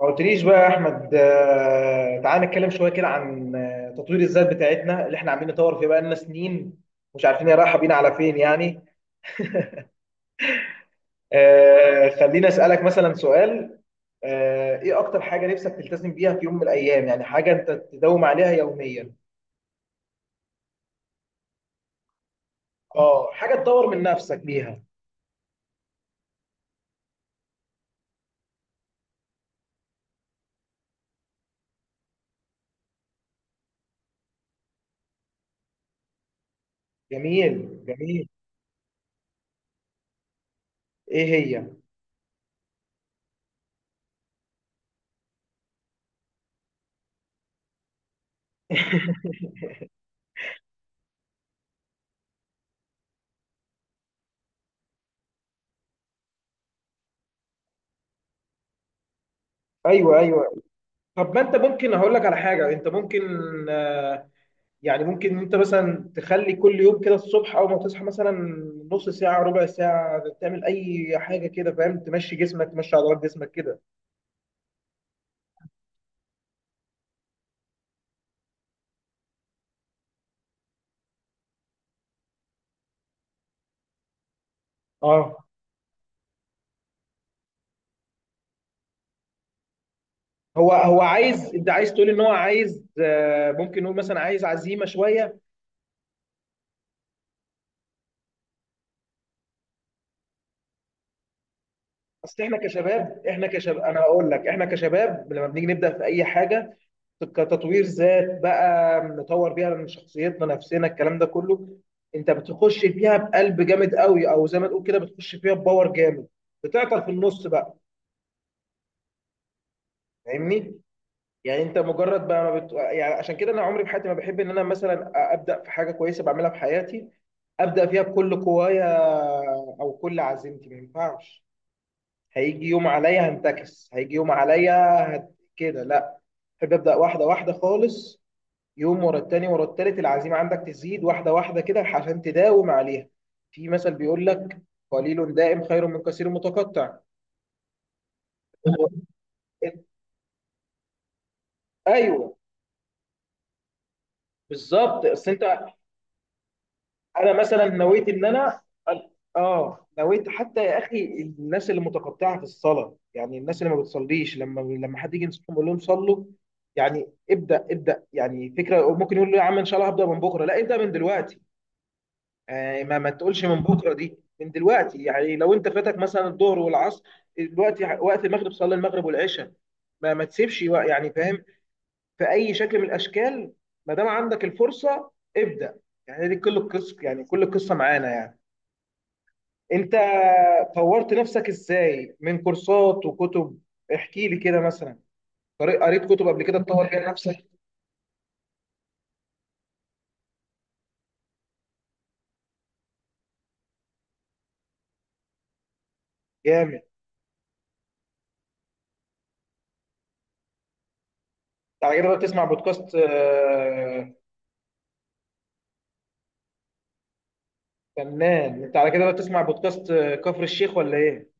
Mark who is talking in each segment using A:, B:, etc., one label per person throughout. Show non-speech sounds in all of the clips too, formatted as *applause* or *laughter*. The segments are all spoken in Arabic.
A: ما قلتليش بقى يا احمد، تعال نتكلم شويه كده عن تطوير الذات بتاعتنا اللي احنا عاملين نطور فيه بقالنا سنين. مش عارفين هي رايحه بينا على فين يعني. خليني اسالك مثلا سؤال. ايه اكتر حاجه نفسك تلتزم بيها في يوم من الايام؟ يعني حاجه انت تداوم عليها يوميا. اه، حاجه تطور من نفسك بيها. جميل جميل. ايه هي؟ ايوه ايوه. طب ما انت ممكن، هقول لك على حاجه انت ممكن آه، يعني، ممكن انت مثلا تخلي كل يوم كده الصبح اول ما تصحى مثلا نص ساعة ربع ساعة تعمل اي حاجة كده، فاهم؟ تمشي جسمك، تمشي عضلات جسمك كده. اه. هو عايز، انت عايز تقول ان هو عايز ممكن نقول مثلا عايز عزيمة شوية. اصل احنا كشباب، انا هقول لك، احنا كشباب لما بنيجي نبدأ في اي حاجة كتطوير ذات بقى، نطور بيها من شخصيتنا نفسنا الكلام ده كله، انت بتخش فيها بقلب جامد قوي او زي ما تقول كده بتخش فيها بباور جامد، بتعطل في النص بقى. فاهمني؟ يعني انت مجرد بقى ما بت... يعني عشان كده انا عمري في حياتي ما بحب ان انا مثلا ابدا في حاجه كويسه بعملها في حياتي، ابدا فيها بكل قوايا او كل عزيمتي، ما ينفعش. هيجي يوم عليا هنتكس، هيجي يوم عليا هت... كده لا. بحب ابدا واحده واحده خالص، يوم ورا التاني ورا التالت، العزيمة عندك تزيد واحدة واحدة كده عشان تداوم عليها. في مثل بيقول لك، قليل دائم خير من كثير متقطع. ايوه بالظبط، اصل انت، انا مثلا نويت ان انا، اه نويت، حتى يا اخي، الناس اللي متقطعه في الصلاه يعني الناس اللي ما بتصليش، لما حد يجي ينصحهم يقول لهم صلوا، يعني ابدا ابدا، يعني فكره ممكن يقول له يا عم ان شاء الله هبدا من بكره، لا، ابدا من دلوقتي. ما تقولش من بكره، دي من دلوقتي. يعني لو انت فاتك مثلا الظهر والعصر، دلوقتي وقت المغرب، صلي المغرب والعشاء. ما تسيبش يعني فاهم، في اي شكل من الاشكال، ما دام عندك الفرصه ابدا. يعني دي كل القصه، يعني كل القصه معانا يعني. انت طورت نفسك ازاي؟ من كورسات وكتب؟ احكي لي كده مثلا. قريت كتب قبل كده تطور بيها نفسك؟ جامد. على كده بقى بتسمع بودكاست فنان. انت على كده بقى بتسمع بودكاست كفر الشيخ ولا ايه؟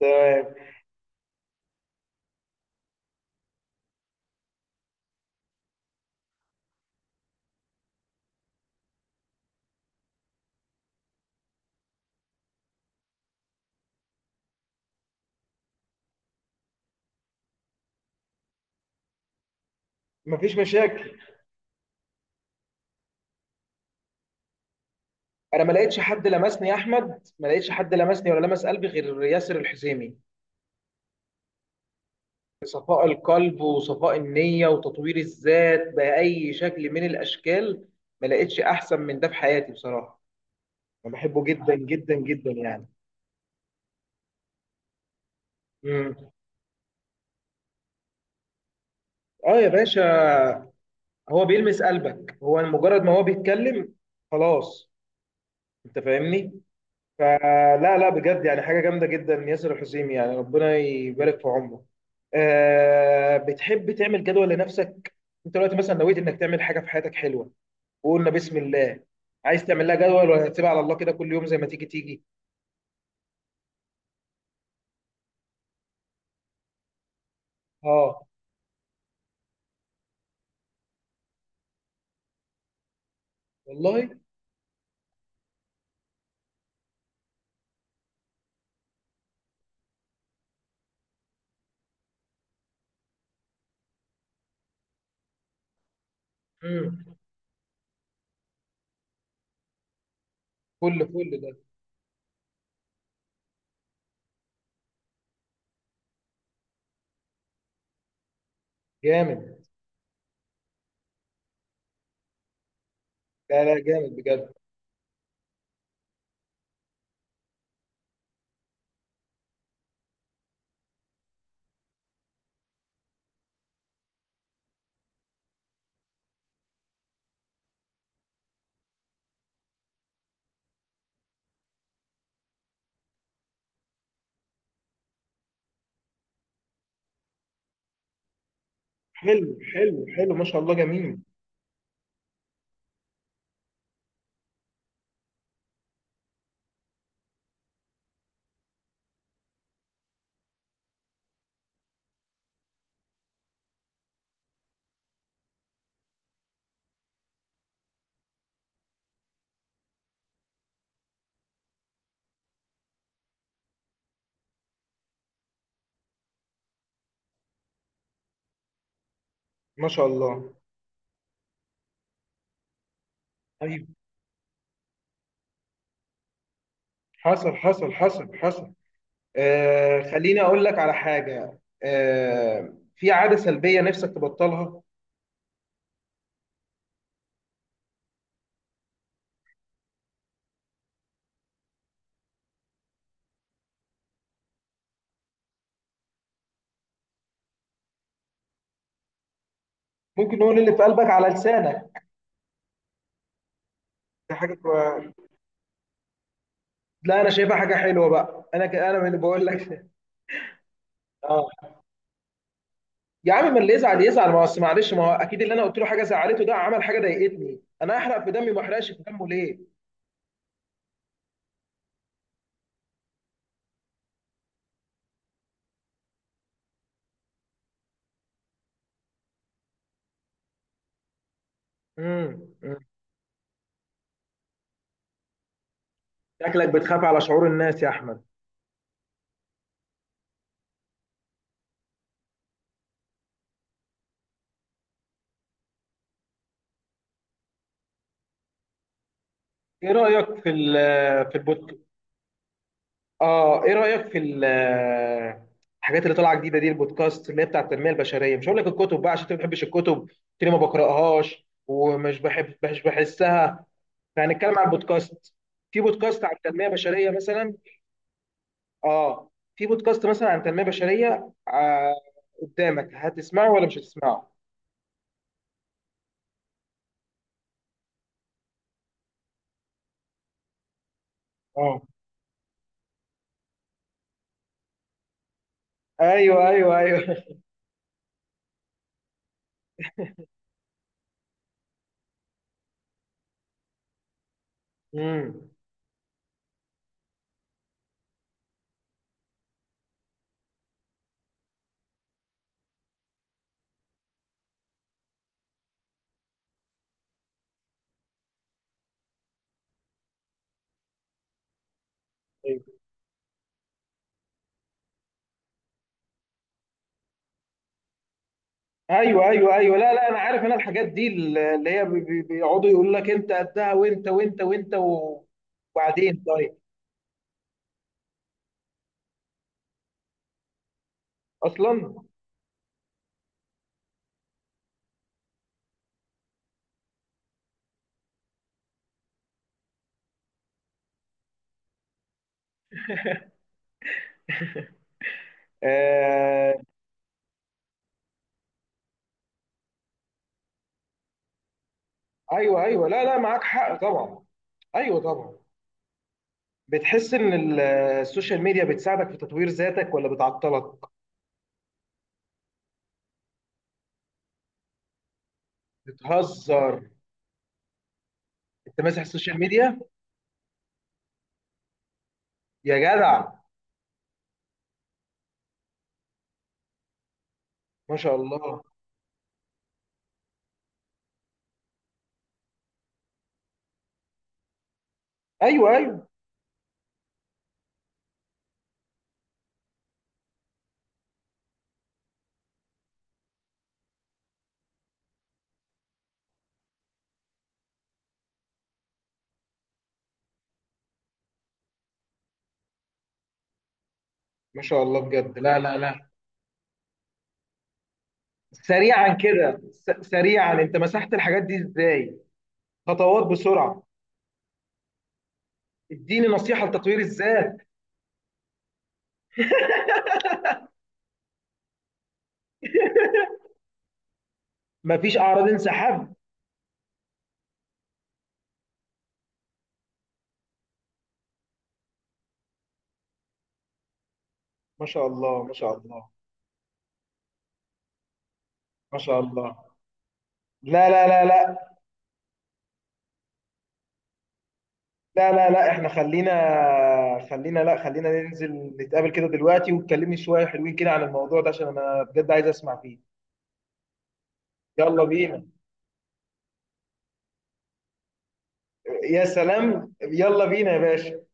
A: تمام، مفيش مشاكل. انا ما لقيتش حد لمسني يا احمد، ما لقيتش حد لمسني ولا لمس قلبي غير ياسر الحسيمي. صفاء القلب وصفاء النية وتطوير الذات بأي شكل من الأشكال، ما لقيتش أحسن من ده في حياتي بصراحة. أنا بحبه جدا جدا جدا يعني. مم. آه يا باشا، هو بيلمس قلبك، هو مجرد ما هو بيتكلم خلاص. أنت فاهمني. فلا لا بجد، يعني حاجة جامدة جدا ياسر الحسيمي، يعني ربنا يبارك في عمره. بتحب تعمل جدول لنفسك؟ انت دلوقتي مثلا نويت انك تعمل حاجة في حياتك حلوة، وقلنا بسم الله، عايز تعمل لها جدول ولا هتسيبها على الله كده كل يوم زي ما تيجي تيجي؟ اه والله. امم. فل فل ده جامد. لا لا جامد بجد. حلو حلو حلو، ما شاء الله جميل. ما شاء الله. طيب، حصل حصل حصل حصل. خليني اقول لك على حاجه، في عاده سلبيه نفسك تبطلها؟ ممكن نقول اللي في قلبك على لسانك، دي حاجه كويسة. لا انا شايفها حاجه حلوه بقى، انا انا من اللي بقول لك. *laughs* اه، يا عم من اللي يزعل يزعل، ما هو أصل معلش، ما هو اكيد اللي انا قلت له حاجه زعلته ده عمل حاجه ضايقتني، انا احرق في دمي ما احرقش في دمه ليه؟ امم. شكلك بتخاف على شعور الناس يا احمد. ايه رايك في في البودكاست؟ اه، ايه رايك في الحاجات اللي طالعه جديده دي، البودكاست اللي هي بتاع التنميه البشريه؟ مش هقول لك الكتب بقى عشان انت ما بتحبش الكتب، قلت لي ما بقراهاش ومش بحب، مش بحسها. فهنتكلم عن البودكاست. في بودكاست عن التنميه البشريه مثلا. اه. في بودكاست مثلا عن التنميه البشريه، قدامك، هتسمعه ولا مش هتسمعه؟ اه، ايوه ايوه ايوه. *laughs* امم. ايوه ايوه ايوه، لا لا، انا عارف، انا الحاجات دي اللي هي بيقعدوا يقول لك انت قدها وانت وانت وانت وبعدين طيب. اصلا آه ايوه ايوه. لا لا معاك حق طبعا. ايوه طبعا. بتحس ان السوشيال ميديا بتساعدك في تطوير ذاتك ولا بتعطلك؟ بتهزر، انت ماسح السوشيال ميديا؟ يا جدع ما شاء الله. ايوه ايوه. ما شاء الله بجد. لا لا لا. سريعا كده، سريعا انت مسحت الحاجات دي ازاي؟ خطوات بسرعة. اديني نصيحة لتطوير الذات. مفيش أعراض انسحاب؟ ما شاء الله، ما شاء الله ما شاء الله. لا لا لا لا، لا لا لا، احنا خلينا خلينا، لا، خلينا ننزل نتقابل كده دلوقتي، وتكلمني شوية حلوين كده عن الموضوع ده عشان أنا بجد عايز أسمع فيه. يلا بينا. يا سلام، يلا بينا يا باشا.